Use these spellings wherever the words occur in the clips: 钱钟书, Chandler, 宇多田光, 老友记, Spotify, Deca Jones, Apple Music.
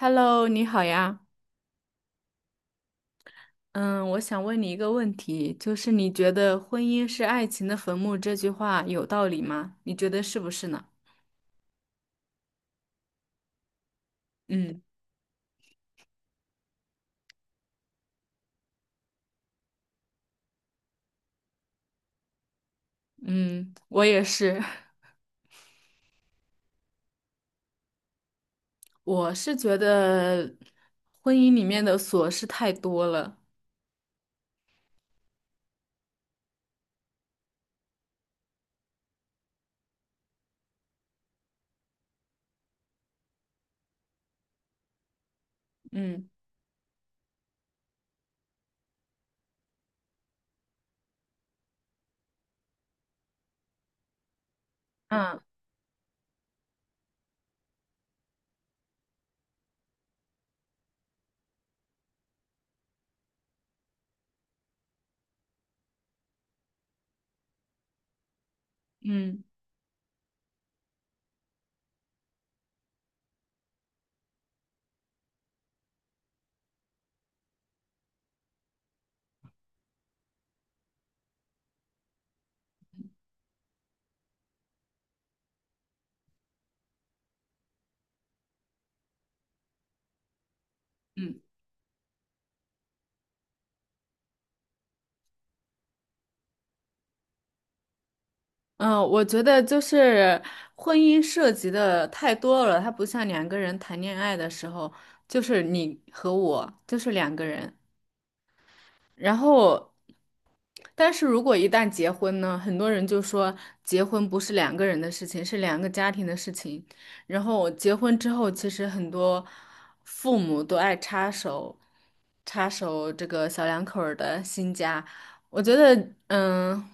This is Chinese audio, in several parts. Hello，你好呀。嗯，我想问你一个问题，就是你觉得"婚姻是爱情的坟墓"这句话有道理吗？你觉得是不是呢？嗯嗯，我也是，我是觉得婚姻里面的琐事太多了。嗯嗯嗯嗯嗯，我觉得就是婚姻涉及的太多了，它不像两个人谈恋爱的时候，就是你和我，就是两个人。然后，但是如果一旦结婚呢，很多人就说结婚不是两个人的事情，是两个家庭的事情。然后结婚之后，其实很多父母都爱插手，插手这个小两口儿的新家。我觉得，嗯，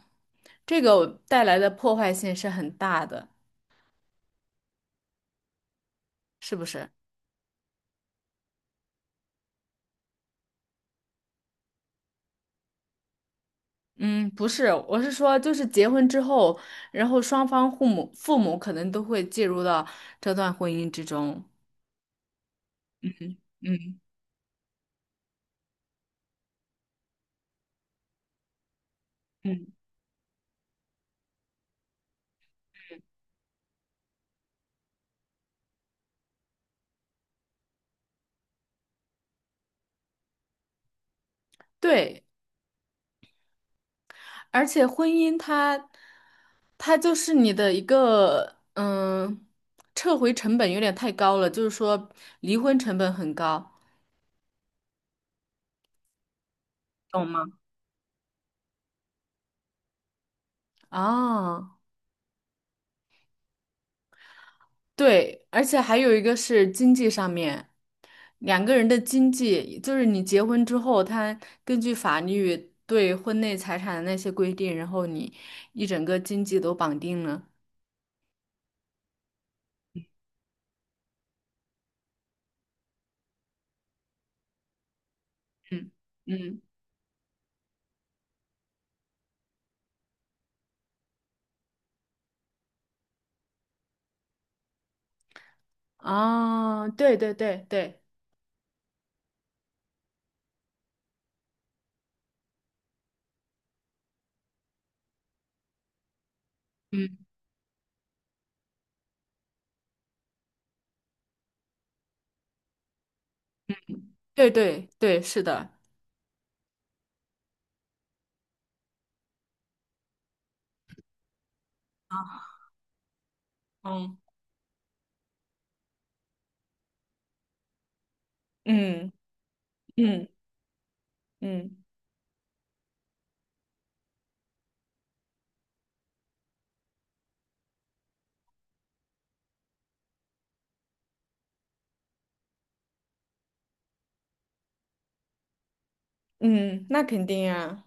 这个带来的破坏性是很大的，是不是？嗯，不是，我是说，就是结婚之后，然后双方父母可能都会介入到这段婚姻之中。嗯嗯，对，而且婚姻它就是你的一个，嗯，撤回成本有点太高了，就是说离婚成本很高。懂吗？啊，对，而且还有一个是经济上面，两个人的经济，就是你结婚之后，他根据法律对婚内财产的那些规定，然后你一整个经济都绑定了。嗯嗯啊，对对对对。嗯。对对对，是的，嗯，嗯嗯嗯嗯，那肯定啊。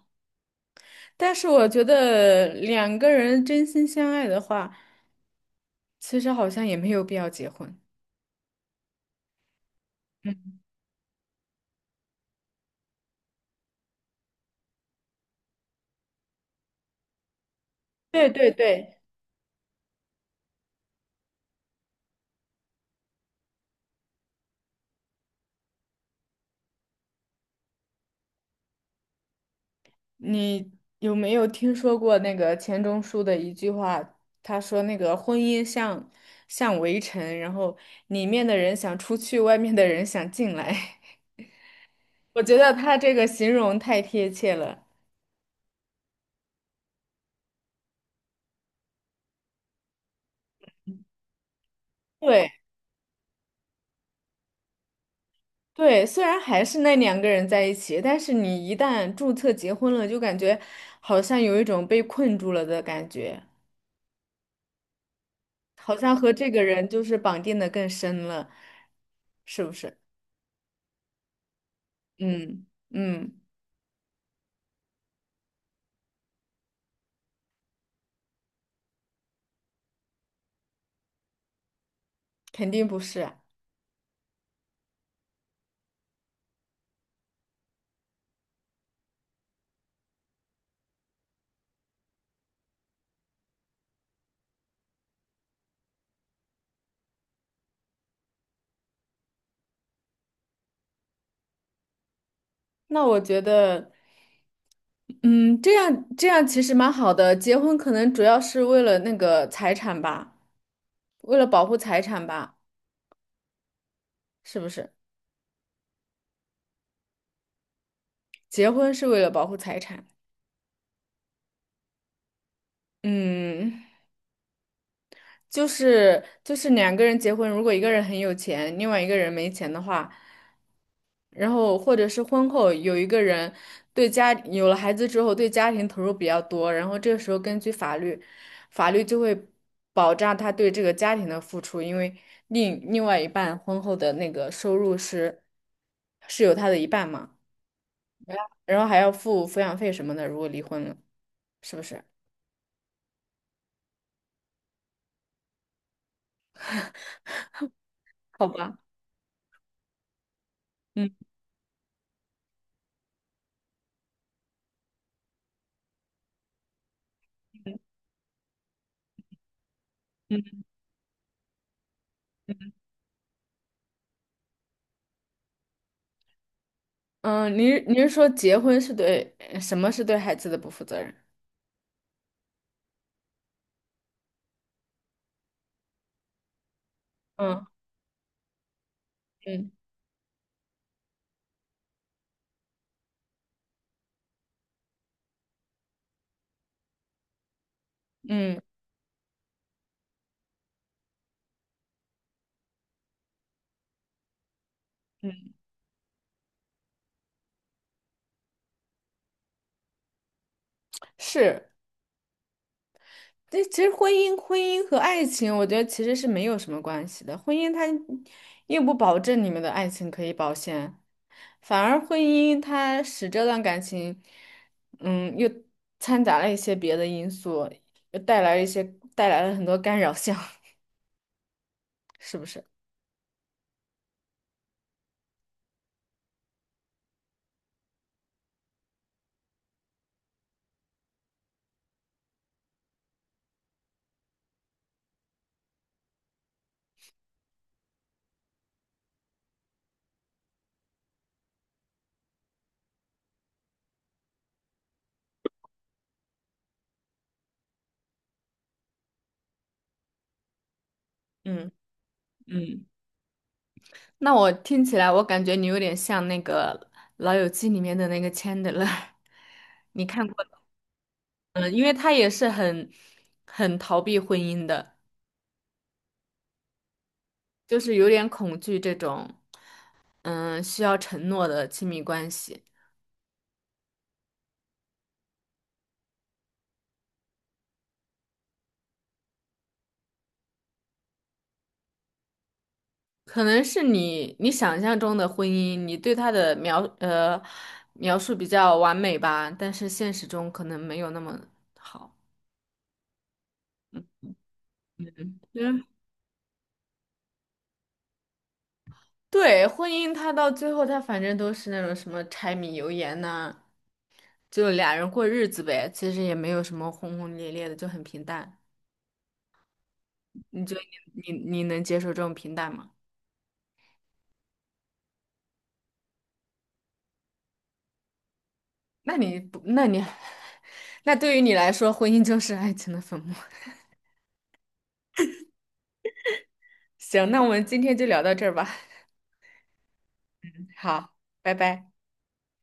但是我觉得两个人真心相爱的话，其实好像也没有必要结婚。嗯，对对对，你有没有听说过那个钱钟书的一句话？他说那个婚姻像围城，然后里面的人想出去，外面的人想进来。我觉得他这个形容太贴切了。对。对，虽然还是那两个人在一起，但是你一旦注册结婚了，就感觉好像有一种被困住了的感觉，好像和这个人就是绑定的更深了，是不是？嗯嗯，肯定不是啊。那我觉得，嗯，这样这样其实蛮好的。结婚可能主要是为了那个财产吧，为了保护财产吧，是不是？结婚是为了保护财产。嗯。就是两个人结婚，如果一个人很有钱，另外一个人没钱的话，然后或者是婚后有一个人对家有了孩子之后对家庭投入比较多，然后这个时候根据法律，法律就会保障他对这个家庭的付出，因为另外一半婚后的那个收入是有他的一半嘛，然后还要付抚养费什么的，如果离婚了，是不是？好吧。嗯。嗯嗯，您是说结婚是对什么是对孩子的不负责任？嗯嗯嗯嗯，是。这其实婚姻和爱情，我觉得其实是没有什么关系的。婚姻它又不保证你们的爱情可以保鲜，反而婚姻它使这段感情，嗯，又掺杂了一些别的因素，又带来了很多干扰项，是不是？嗯嗯。那我听起来，我感觉你有点像那个《老友记》里面的那个 Chandler，你看过的？嗯，因为他也是很逃避婚姻的，就是有点恐惧这种，需要承诺的亲密关系。可能是你想象中的婚姻，你对他的描述比较完美吧，但是现实中可能没有那么好。嗯，对，婚姻它到最后，它反正都是那种什么柴米油盐呐、就俩人过日子呗，其实也没有什么轰轰烈烈的，就很平淡。你觉得你能接受这种平淡吗？那你不，那你，那对于你来说，婚姻就是爱情的坟墓。行，那我们今天就聊到这儿吧。好，拜拜。